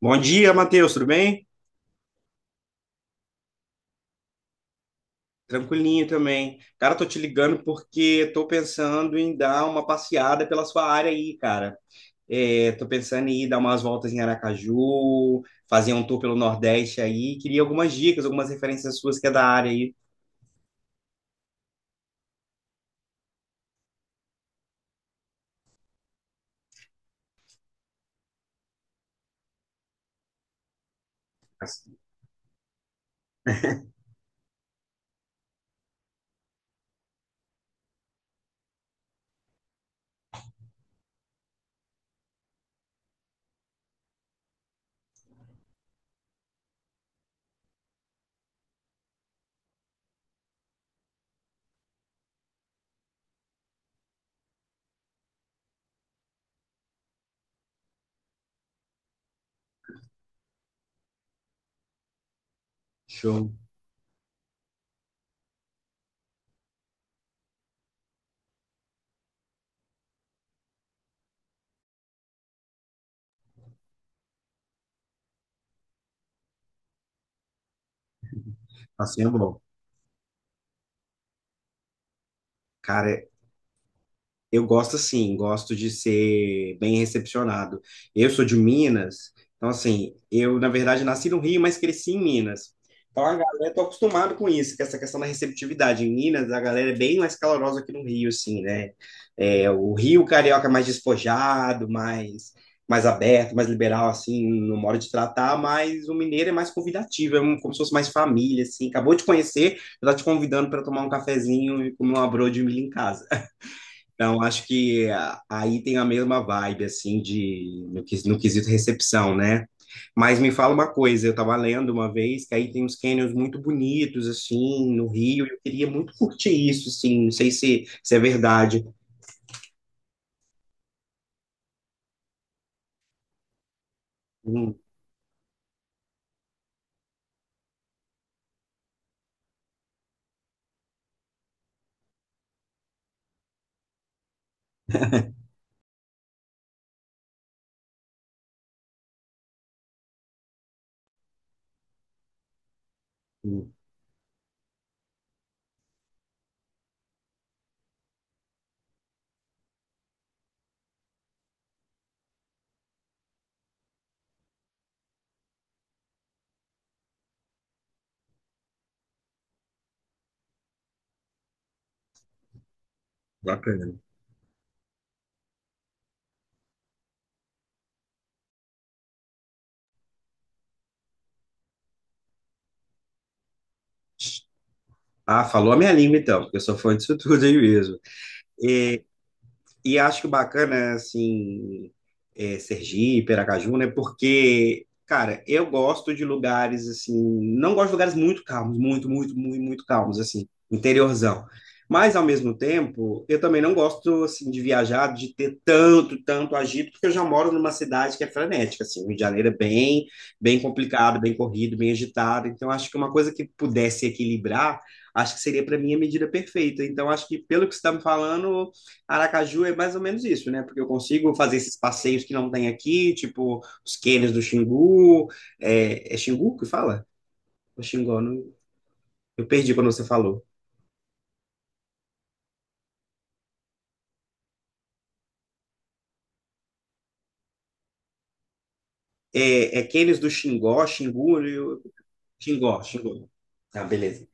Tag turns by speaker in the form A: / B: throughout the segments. A: Bom dia, Matheus, tudo bem? Tranquilinho também. Cara, tô te ligando porque tô pensando em dar uma passeada pela sua área aí, cara. É, tô pensando em ir dar umas voltas em Aracaju, fazer um tour pelo Nordeste aí. Queria algumas dicas, algumas referências suas que é da área aí. Show. Passeio é bom. Cara, eu gosto assim, gosto de ser bem recepcionado. Eu sou de Minas, então assim, eu na verdade nasci no Rio, mas cresci em Minas. Então a galera, tô acostumado com isso, com essa questão da receptividade. Em Minas, a galera é bem mais calorosa que no Rio, assim, né? É, o Rio carioca é mais despojado, mais, mais aberto, mais liberal, assim, no modo de tratar, mas o mineiro é mais convidativo, é um- como se fosse mais família, assim. Acabou de conhecer, já tá te convidando para tomar um cafezinho e comer uma broa de milho em casa. Então, acho que aí tem a mesma vibe, assim, de, no, no quesito recepção, né? Mas me fala uma coisa, eu estava lendo uma vez que aí tem uns canyons muito bonitos, assim, no Rio, e eu queria muito curtir isso, assim, não sei se, se é verdade. Hum, hum, bacana. Ah, falou a minha língua, então, porque eu sou fã disso tudo aí mesmo. E acho que o bacana, assim, é, Sergipe, Aracaju, né? Porque, cara, eu gosto de lugares, assim, não gosto de lugares muito calmos, muito calmos, assim, interiorzão. Mas, ao mesmo tempo, eu também não gosto, assim, de viajar, de ter tanto agito, porque eu já moro numa cidade que é frenética, assim, o Rio de Janeiro é bem, bem complicado, bem corrido, bem agitado. Então, acho que uma coisa que pudesse equilibrar, acho que seria, para mim, a medida perfeita. Então, acho que, pelo que você está me falando, Aracaju é mais ou menos isso, né? Porque eu consigo fazer esses passeios que não tem aqui, tipo os cânions do Xingu. É, é Xingu que fala? O Xingó, eu perdi quando você falou. É, é cânions do Xingó, Xingó, Xingó. Tá, beleza.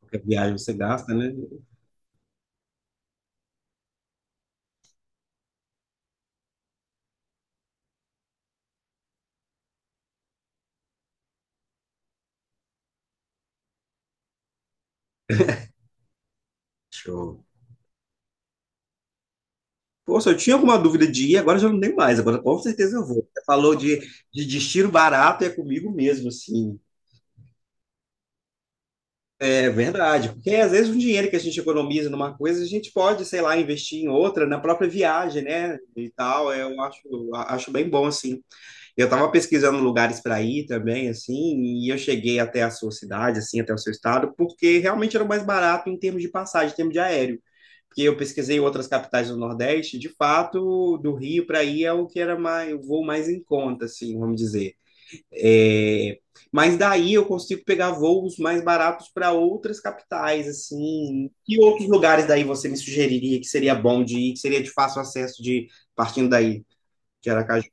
A: Qualquer viagem você gasta, né? Show. Poxa, eu tinha alguma dúvida de ir, agora eu já não tenho mais. Agora com certeza eu vou. Você falou de destino barato, é comigo mesmo, assim. É verdade, porque às vezes o dinheiro que a gente economiza numa coisa, a gente pode, sei lá, investir em outra, na própria viagem, né? E tal, é, eu acho, acho bem bom, assim. Eu estava pesquisando lugares para ir também, assim, e eu cheguei até a sua cidade, assim, até o seu estado, porque realmente era o mais barato em termos de passagem, em termos de aéreo. Porque eu pesquisei outras capitais do Nordeste, de fato, do Rio para ir é o que era mais, o voo mais em conta, assim, vamos dizer. É, mas daí eu consigo pegar voos mais baratos para outras capitais, assim. Que outros lugares daí você me sugeriria que seria bom de ir, que seria de fácil acesso de partindo daí de Aracaju?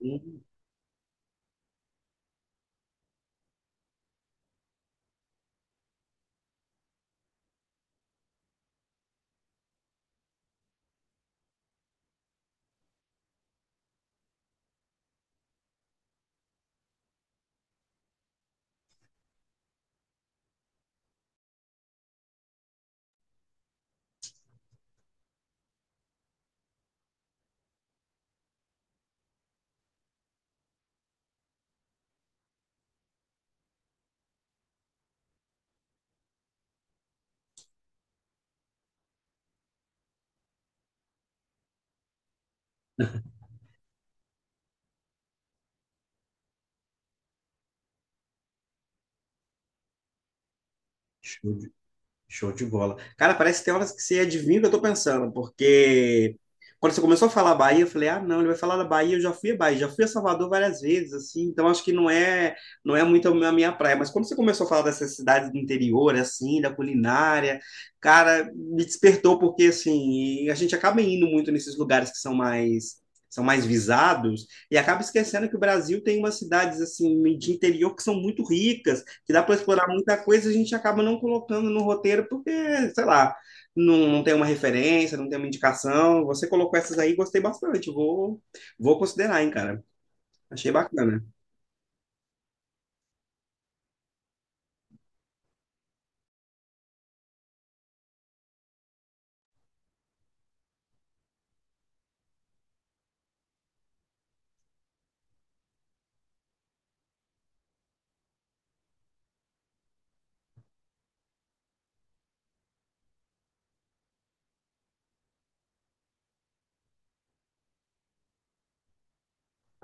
A: Hum, Show de bola. Cara, parece que tem horas que você adivinha o que eu tô pensando, porque quando você começou a falar Bahia, eu falei, ah, não, ele vai falar da Bahia, eu já fui a Bahia, já fui a Salvador várias vezes, assim, então acho que não é, não é muito a minha praia. Mas quando você começou a falar dessas cidades do interior, assim, da culinária, cara, me despertou porque assim, a gente acaba indo muito nesses lugares que são mais visados e acaba esquecendo que o Brasil tem umas cidades assim de interior que são muito ricas que dá para explorar muita coisa, a gente acaba não colocando no roteiro porque, sei lá, não, não tem uma referência, não tem uma indicação. Você colocou essas aí, gostei bastante. Vou, vou considerar, hein, cara. Achei bacana.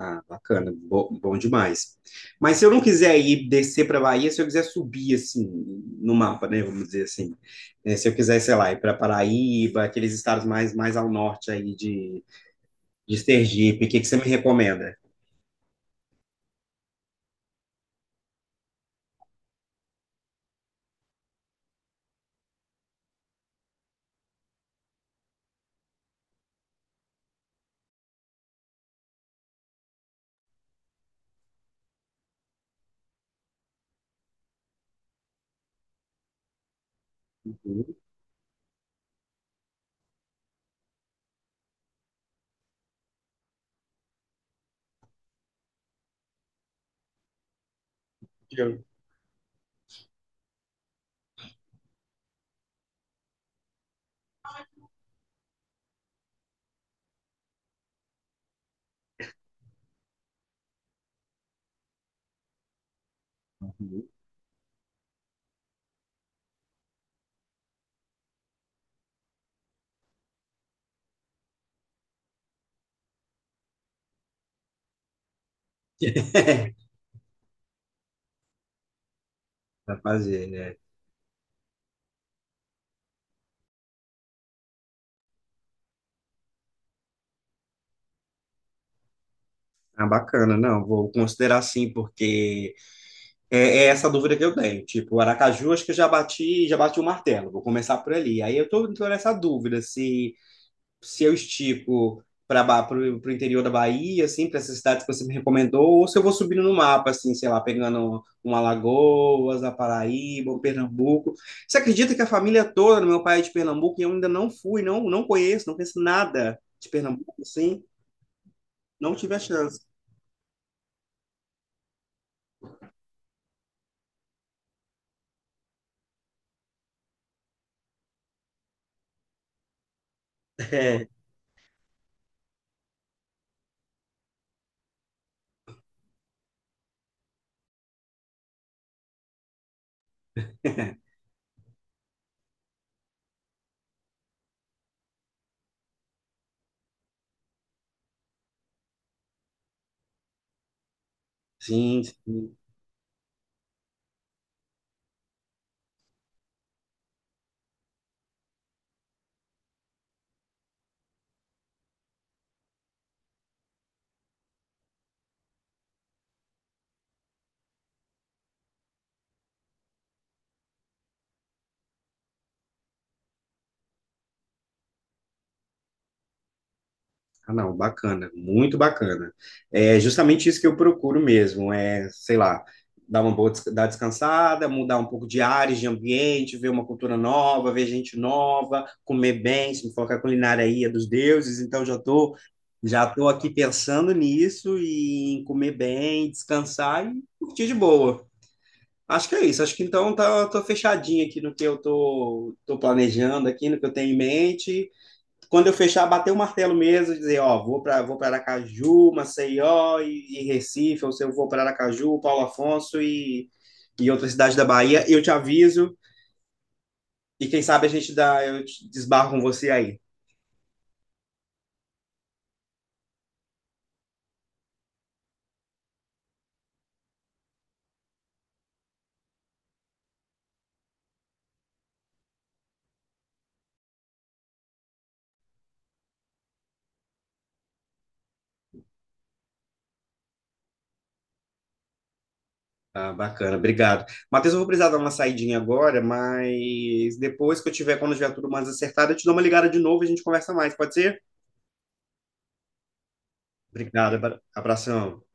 A: Ah, bacana, bom, bom demais. Mas se eu não quiser ir descer para Bahia, se eu quiser subir assim no mapa, né, vamos dizer assim, né, se eu quiser, sei lá, ir para Paraíba, aqueles estados mais ao norte aí de Sergipe, o que que você me recomenda? Uhum. Pra fazer, né? Ah, bacana, não, vou considerar sim, porque é, é essa dúvida que eu tenho. Tipo, o Aracaju, acho que eu já bati o martelo, vou começar por ali. Aí eu tô, tô nessa dúvida se, se eu estico para o interior da Bahia, assim, para essas cidades que você me recomendou, ou se eu vou subindo no mapa, assim, sei lá, pegando um Alagoas, a Paraíba, um Pernambuco. Você acredita que a família toda do meu pai é de Pernambuco e eu ainda não fui, não, não conheço, não conheço nada de Pernambuco, assim, não tive a chance. É, sim, sim. Ah, não, bacana, muito bacana. É justamente isso que eu procuro mesmo, é, sei lá, dar uma boa, dar descansada, mudar um pouco de áreas, de ambiente, ver uma cultura nova, ver gente nova, comer bem, se me for que a culinária aí é dos deuses, então já tô aqui pensando nisso e em comer bem, descansar e curtir de boa. Acho que é isso, acho que então tá, tô fechadinho aqui no que eu tô, tô planejando aqui, no que eu tenho em mente quando eu fechar, bater o martelo mesmo, dizer, ó, vou para Aracaju, Maceió e Recife, ou se eu vou para Aracaju, Paulo Afonso e outras cidades da Bahia, eu te aviso e quem sabe a gente dá, eu desbarro com você aí. Ah, bacana, obrigado. Matheus, eu vou precisar dar uma saidinha agora, mas depois que eu tiver, quando eu tiver tudo mais acertado, eu te dou uma ligada de novo e a gente conversa mais, pode ser? Obrigado, abração.